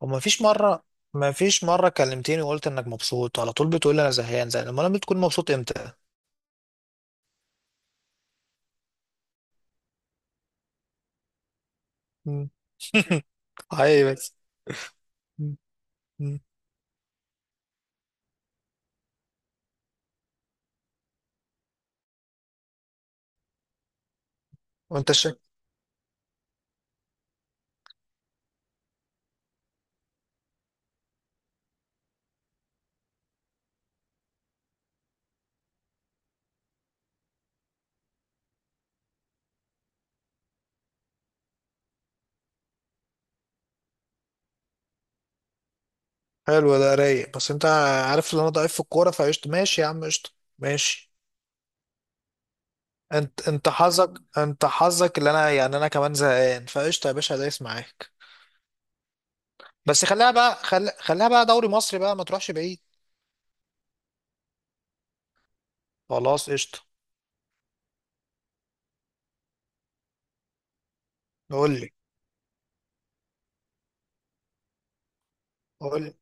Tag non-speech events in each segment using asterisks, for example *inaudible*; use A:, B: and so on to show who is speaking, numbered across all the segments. A: وما فيش مرة ما فيش مرة كلمتني وقلت انك مبسوط على طول، بتقول لي انا زهقان، زهقان؟ امال لما بتكون مبسوط امتى؟ مم. عادي بس. مم. مم. وانت شك. حلو، ده رايق، بس انت عارف ان انا ضعيف في الكورة، فقشط، ماشي يا عم، قشطة ماشي. انت حظك، انت حظك اللي انا، يعني انا كمان زهقان، فقشطة يا باشا، دايس معاك. بس خليها بقى، خليها بقى دوري مصري بقى، ما تروحش بعيد. خلاص قشطة. قول لي قول لي.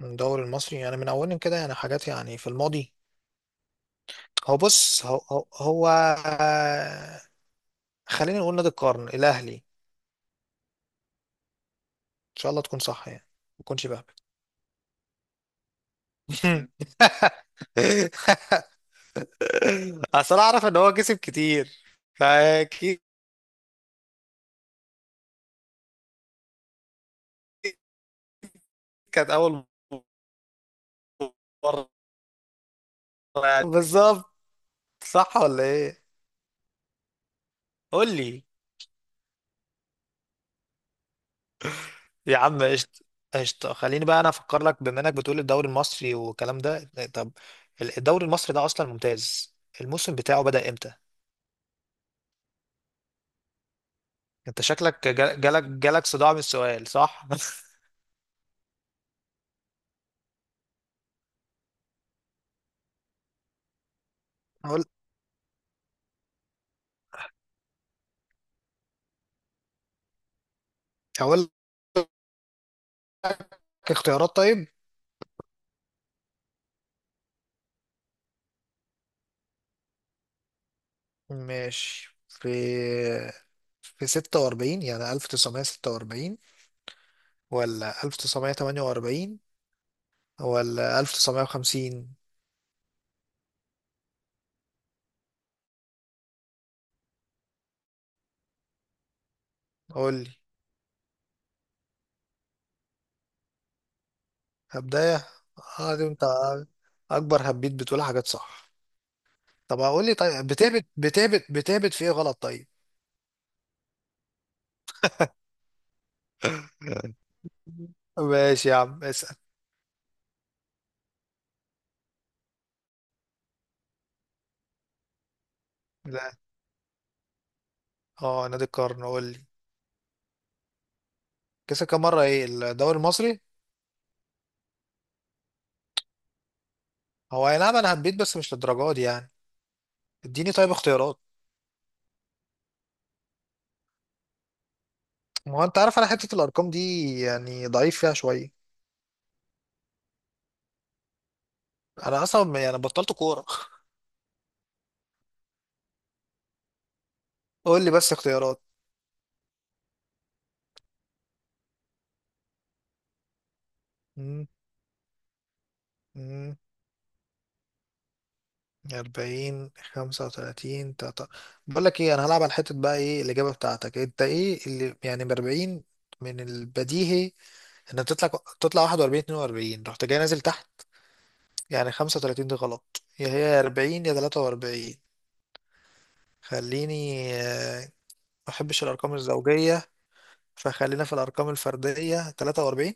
A: الدوري المصري، يعني من اولهم كده، يعني حاجات يعني في الماضي. هو بص. هو هو, هو آه، خلينا نقول نادي القرن الاهلي، ان شاء الله تكون صح يعني. ما تكونش بهبل. *laughs* اصل أنا اعرف ان هو كسب كتير، فاكيد. كانت اول مره، يعني بالظبط، صح ولا ايه؟ قول لي. يا عم قشطه قشطه، خليني بقى انا افكر لك، بما انك بتقول الدوري المصري والكلام ده. طب الدوري المصري ده اصلا ممتاز، الموسم بتاعه بدأ امتى؟ انت شكلك جالك صداع من السؤال، صح؟ *laughs* أقول أقول لك اختيارات، طيب. ماشي، في 46، يعني 1946 ولا 1948 ولا 1950؟ قول لي. هبداية. اه دي انت أكبر هبيت، بتقول حاجات صح. طب أقول لي طيب، بتهبت في إيه غلط طيب؟ ماشي يا عم، اسأل. لا. اه، نادي القرن، قول لي. كسب كام مرة ايه الدوري المصري؟ هو اي نعم، انا هبيت بس مش للدرجة دي يعني. اديني طيب اختيارات. ما هو انت عارف انا حته الارقام دي يعني ضعيف فيها شويه. انا اصلا يعني بطلت كوره. *laughs* قول لي بس اختيارات. مم، مم، 40، 35، بقول لك ايه، انا هلعب على حته بقى، ايه الاجابه بتاعتك؟ انت ايه اللي يعني ب 40؟ من البديهي ان تطلع 41، 42، رحت جاي نازل تحت. يعني 35 دي غلط، يا هي يا 40 يا 43. خليني ما بحبش الارقام الزوجيه، فخلينا في الارقام الفرديه: 43.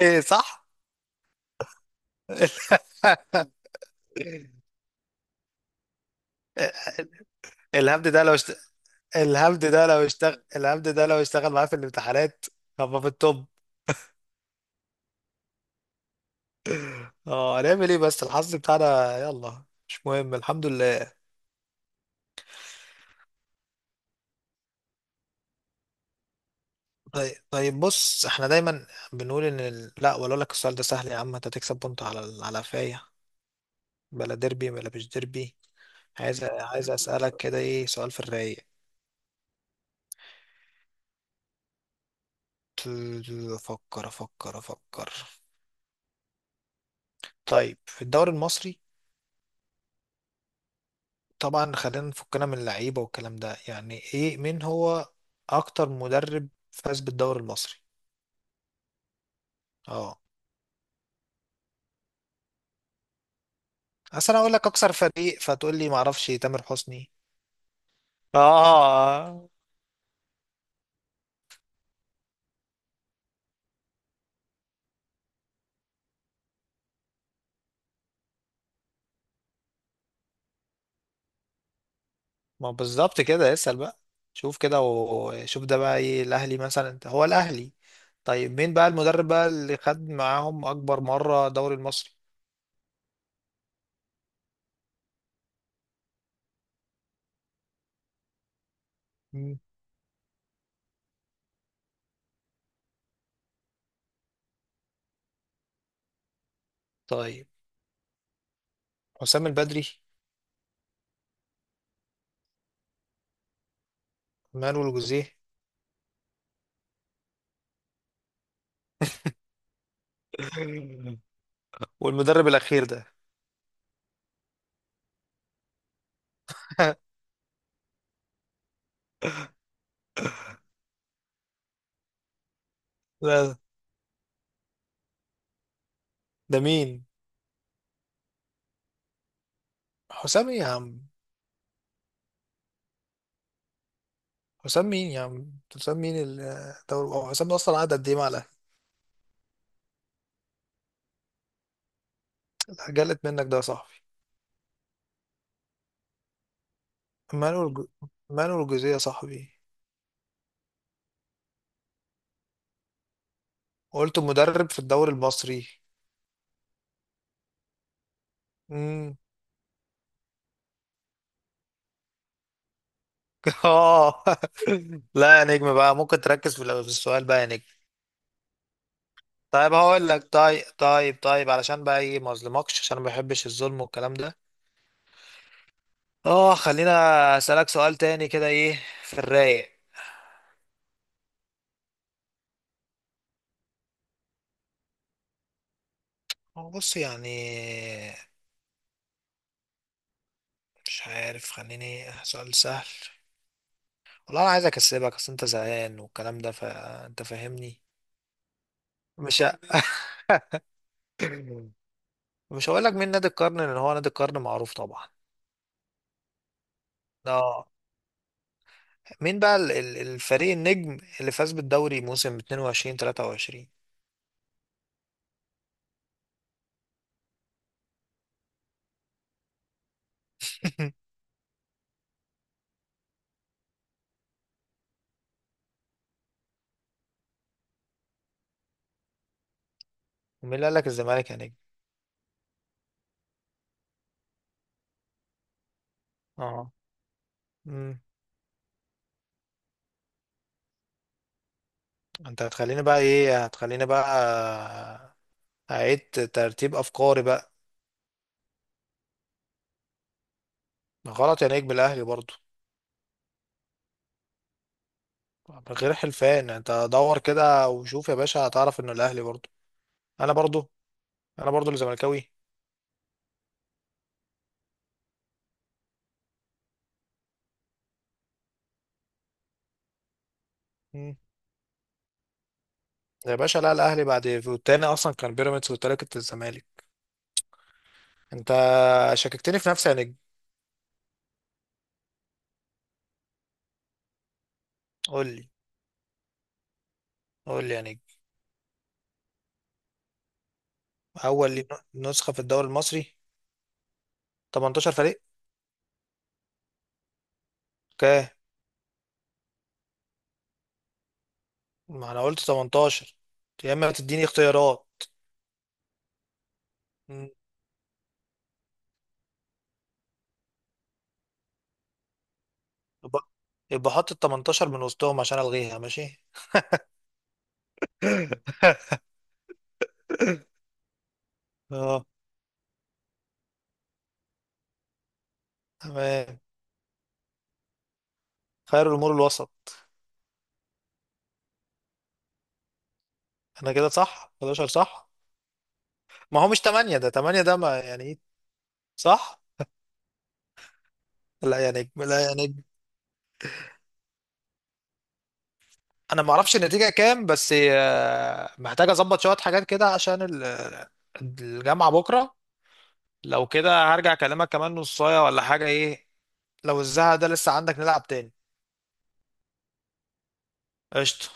A: *laughs* ايه، صح. الهبد ده لو اشت... الهبد ده لو اشتغل معاه في الامتحانات، هبقى في التوب. اه، هنعمل ايه، بس الحظ بتاعنا، يلا مش مهم، الحمد لله. طيب طيب، بص احنا دايما بنقول ان لا، ولا اقول لك، السؤال ده سهل يا عم، انت تكسب بونت على على فاية. بلا ديربي بلا مش ديربي. عايز اسالك كده ايه سؤال في الرايق. افكر افكر افكر. طيب في الدوري المصري، طبعا خلينا نفكنا من اللعيبة والكلام ده، يعني ايه مين هو اكتر مدرب فاز بالدوري المصري؟ اه. اصل انا اقول لك اكثر فريق فتقول لي معرفش تامر حسني. اه. ما بالظبط كده، اسأل بقى. شوف كده وشوف ده بقى، ايه، الاهلي مثلا، انت هو الاهلي. طيب مين بقى المدرب بقى اللي خد معاهم اكبر مرة دوري المصري؟ مم. طيب، حسام البدري، مانويل جوزيه. *laughs* والمدرب الاخير ده. *laughs* ده ده مين؟ حسام ايه يا عم؟ حسام مين الدوري؟ هو حسام ده اصلا قعد قد ايه مع الاهلي؟ لا، جلت منك ده يا صاحبي. مانويل جو... مانويل جوزيه يا صاحبي. وقلت مدرب في الدوري المصري. امم. *laughs* اه. لا يا نجم بقى، ممكن تركز في في السؤال بقى يا نجم؟ طيب هقول لك، طيب علشان بقى ايه، ما اظلمكش، عشان ما بحبش الظلم والكلام ده. اه خلينا اسالك سؤال تاني كده، ايه في الرايق. هو بص يعني، مش عارف، خليني سؤال سهل. والله انا عايز اكسبك، اصل انت زهقان والكلام ده، فانت فاهمني. مش ه... *clears throat* مش هقول لك مين نادي القرن، لان هو نادي القرن معروف طبعا. اه، مين بقى الفريق النجم اللي فاز بالدوري موسم 22 23؟ *laughs* ومين اللي قال لك الزمالك يا نجم؟ اه. امم انت هتخليني بقى ايه، هتخليني بقى اعيد ترتيب افكاري بقى. غلط يا نجم، الاهلي برضو. من غير حلفان، انت دور كده وشوف يا باشا، هتعرف انه الاهلي برضو. انا برضو انا برضو اللي زملكاوي. يا باشا لا، الاهلي بعد فوتاني اصلا كان بيراميدز، والتاني كنت الزمالك. انت شككتني في نفسي يا نجم. قول لي قول لي يا نجم. اول لي- نسخه في الدوري المصري. 18 فريق. اوكي. ما انا قلت 18. يا اما تديني اختيارات. مم. يبقى يبقى حط ال 18 من وسطهم عشان الغيها، ماشي. *laughs* اه، تمام، خير الامور الوسط. انا كده صح، 11 صح. ما هو مش 8، ده 8 ده ما يعني ايه. صح. لا يا نجم، لا يا نجم. انا ما اعرفش النتيجه كام، بس محتاج اظبط شويه حاجات كده، عشان الجامعه بكره. لو كده هرجع اكلمك كمان نصايه ولا حاجه، ايه؟ لو الزهق ده لسه عندك نلعب تاني. قشطه.